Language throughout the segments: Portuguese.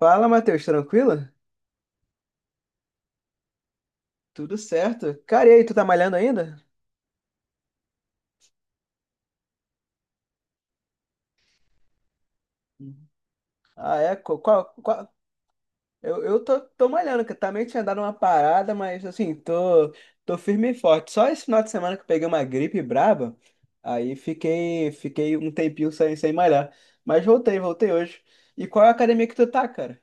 Fala, Matheus, tranquilo? Tudo certo? Cara, e aí, tu tá malhando ainda? Uhum. Ah, é? Eu tô, tô malhando, que eu também tinha dado uma parada, mas assim, tô firme e forte. Só esse final de semana que eu peguei uma gripe braba, aí fiquei um tempinho sem malhar. Mas voltei hoje. E qual é a academia que tu tá, cara?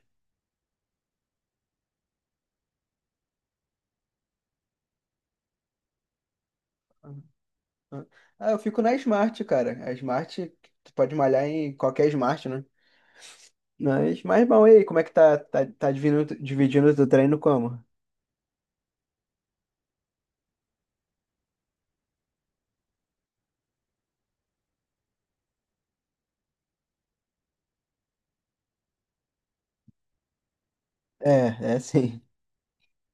Uhum. Ah, eu fico na Smart, cara. A Smart, tu pode malhar em qualquer Smart, né? Mas bom, e aí, como é que tá dividindo, dividindo o teu treino como? É, é sim.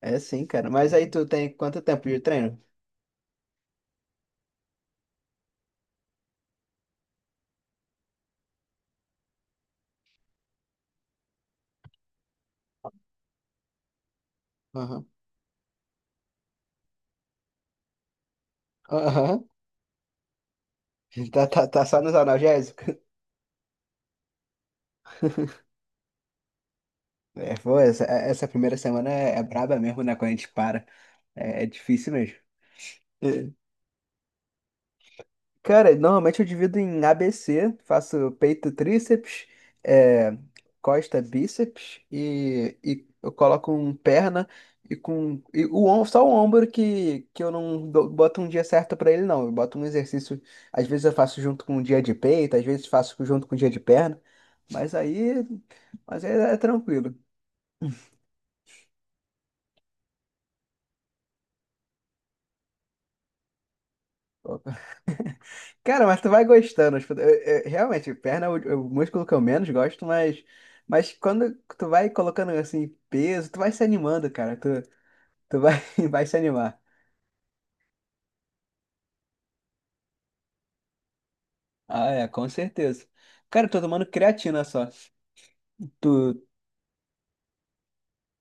É sim, cara. Mas aí tu tem quanto tempo de treino? Aham. Aham. Tá só nos analgésicos? É, pô, essa primeira semana é, é braba mesmo, né? Quando a gente para. É, é difícil mesmo. Cara, normalmente eu divido em ABC, faço peito, tríceps, é, costa, bíceps e eu coloco um perna e com e o om- só o ombro que eu não dou- boto um dia certo pra ele não. Eu boto um exercício, às vezes eu faço junto com um dia de peito, às vezes faço junto com um dia de perna, mas aí, mas aí é tranquilo. Cara, mas tu vai gostando. Realmente, perna é o, é o músculo que eu menos gosto, mas quando tu vai colocando assim peso, tu vai se animando, cara. Tu vai, vai se animar. Ah, é, com certeza. Cara, eu tô tomando creatina só. Tu.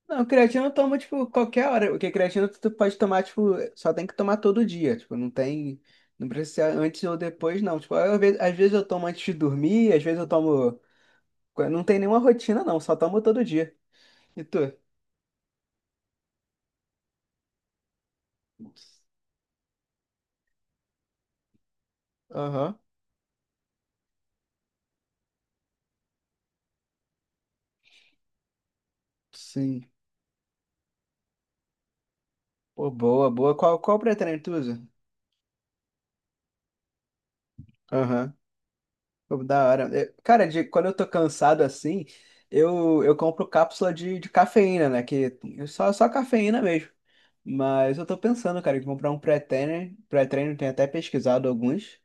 Não, creatina eu tomo, tipo, qualquer hora. Porque creatina tu pode tomar, tipo, só tem que tomar todo dia. Tipo, não tem. Não precisa ser antes ou depois, não. Tipo, às vezes eu tomo antes de dormir, às vezes eu tomo. Não tem nenhuma rotina, não, só tomo todo dia. E tu? Aham, sim. Pô, boa, boa. Qual, qual pretérito tu usa? Aham. Pô, da hora. Cara, quando eu tô cansado assim, eu compro cápsula de cafeína, né? Que é só, só cafeína mesmo. Mas eu tô pensando, cara, em comprar um pré-treino. Pré-treino, tenho até pesquisado alguns.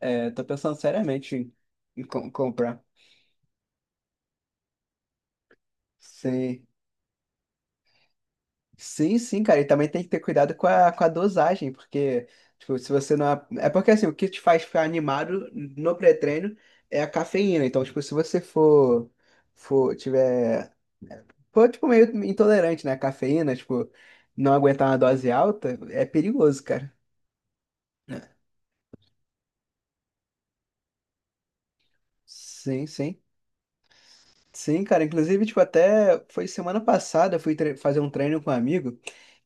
É, tô pensando seriamente em, comprar. Sim. Sim, sim, cara. E também tem que ter cuidado com com a dosagem, porque, tipo, se você não. É porque, assim, o que te faz ficar animado no pré-treino é a cafeína. Então, tipo, se você for, tiver, for, tipo, meio intolerante, né, à cafeína, tipo, não aguentar uma dose alta, é perigoso, cara. Sim, sim. Sim, cara. Inclusive, tipo, até foi semana passada, eu fui fazer um treino com um amigo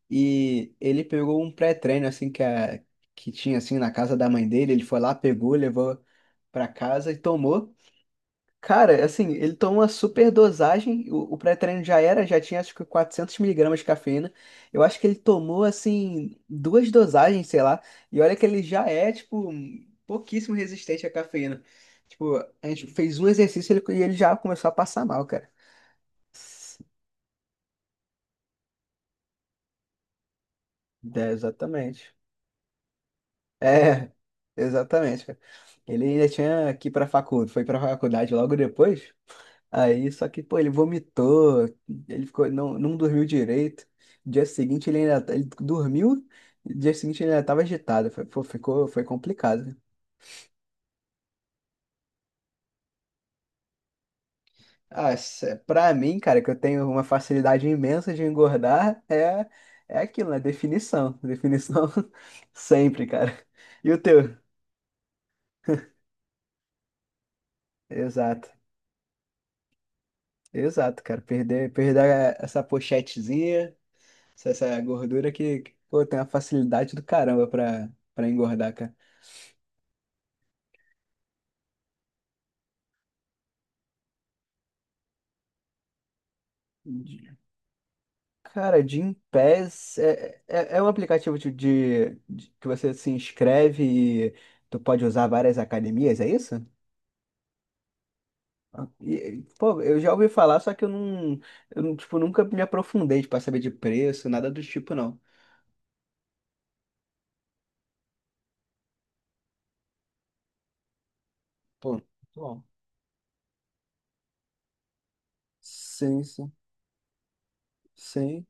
e ele pegou um pré-treino, assim, que tinha, assim, na casa da mãe dele. Ele foi lá, pegou, levou pra casa e tomou. Cara, assim, ele tomou uma super dosagem. O pré-treino já era, já tinha, acho que 400 miligramas de cafeína. Eu acho que ele tomou, assim, duas dosagens, sei lá. E olha que ele já é, tipo, pouquíssimo resistente à cafeína. Tipo, a gente fez um exercício e ele já começou a passar mal, cara. S- É, exatamente. É, exatamente, cara. Ele ainda tinha que ir pra faculdade, foi pra faculdade logo depois. Aí, só que, pô, ele vomitou, ele ficou, não, não dormiu direito. Dia seguinte ele ainda, ele dormiu, dia seguinte ele ainda tava agitado. Foi, pô, ficou, foi complicado. Ah, pra mim, cara, que eu tenho uma facilidade imensa de engordar, é aquilo, né? Definição. Definição sempre, cara. E o teu? Exato. Exato, cara. Perder essa pochetezinha, essa gordura pô, tem uma facilidade do caramba pra engordar, cara. De- Cara, Gympass é, é um aplicativo que você se inscreve e tu pode usar várias academias, é isso? Ah, e, pô, eu já ouvi falar, só que eu não, tipo, nunca me aprofundei para saber de preço, nada do tipo, não. Pô, muito bom. Sim, sim. Sim.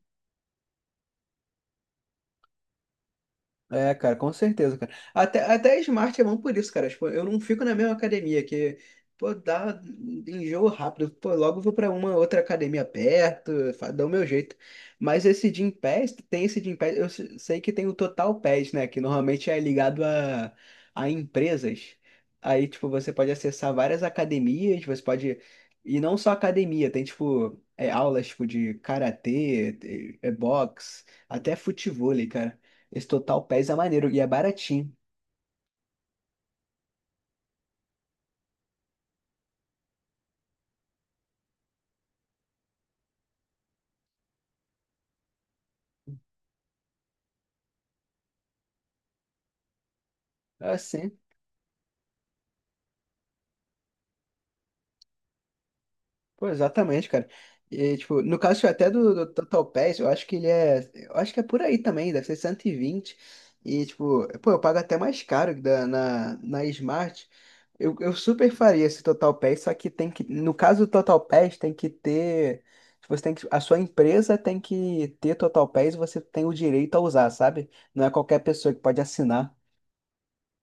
É, cara, com certeza, cara. Até Smart é bom por isso, cara. Tipo, eu não fico na mesma academia, que, pô, dá enjoo rápido. Pô, logo vou pra uma outra academia perto, dá o meu jeito. Mas esse Gym Pass, tem esse Gym Pass, eu sei que tem o Total Pass, né? Que normalmente é ligado a empresas. Aí, tipo, você pode acessar várias academias, você pode... E não só academia, tem, tipo, é, aulas, tipo, de karatê, é boxe, até futevôlei, cara. Esse Total Pass é maneiro e é baratinho. É assim, pô, exatamente, cara. E, tipo, no caso até do Total Pass, eu acho que ele é. Eu acho que é por aí também, deve ser 120. E, vinte. E, tipo, pô, eu pago até mais caro que na Smart. Eu super faria esse Total Pass, só que tem que. No caso do Total Pass, tem que ter. Tipo, você tem que, a sua empresa tem que ter Total Pass e você tem o direito a usar, sabe? Não é qualquer pessoa que pode assinar.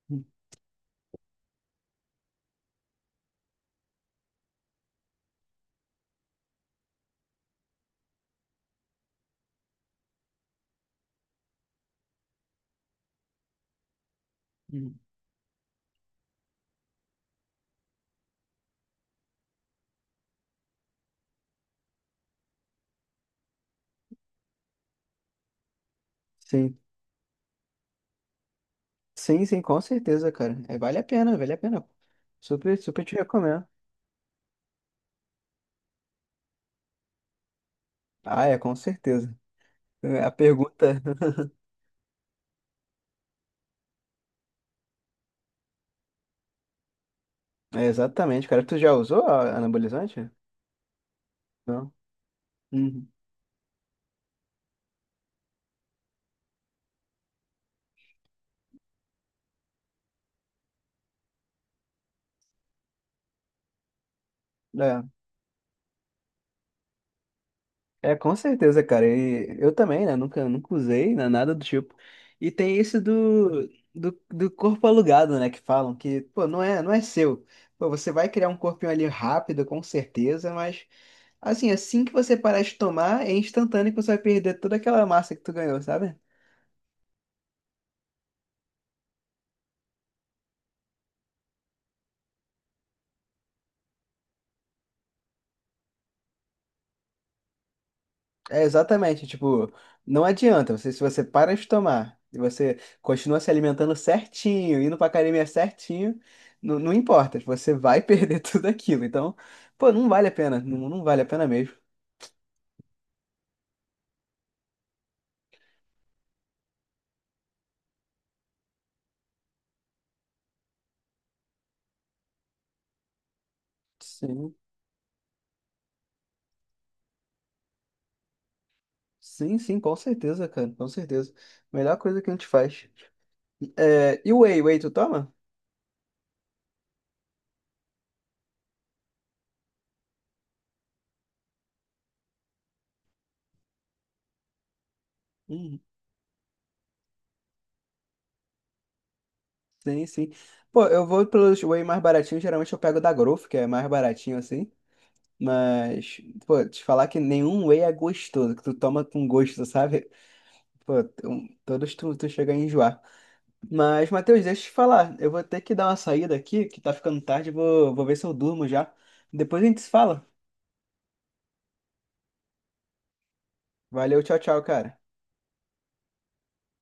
Hum, hum. Sim. Sim, sim, com certeza, cara. É, vale a pena, vale a pena. Super, super te recomendo. Ah, é, com certeza. É, a pergunta. É, exatamente, cara. Tu já usou anabolizante? Não. Uhum. É. É, com certeza, cara. E eu também, né? Nunca, nunca usei, né? Nada do tipo. E tem isso do corpo alugado, né? Que falam que, pô, não é seu. Pô, você vai criar um corpinho ali rápido, com certeza, mas assim, assim que você parar de tomar, é instantâneo que você vai perder toda aquela massa que tu ganhou, sabe? É exatamente, tipo, não adianta, você, se você para de tomar e você continua se alimentando certinho, indo pra academia certinho, não importa, tipo, você vai perder tudo aquilo. Então, pô, não vale a pena, não vale a pena mesmo. Sim, sim, sim, com certeza, cara, com certeza. Melhor coisa que a gente faz. É, e o whey, whey tu toma? Hum, sim, sim. Pô, eu vou pelos whey mais baratinhos, geralmente eu pego da Growth, que é mais baratinho assim. Mas, pô, te falar que nenhum whey é gostoso, que tu toma com gosto, sabe? Pô, todos tu chega a enjoar. Mas, Matheus, deixa eu te falar. Eu vou ter que dar uma saída aqui, que tá ficando tarde. Vou ver se eu durmo já. Depois a gente se fala. Valeu, tchau, tchau, cara.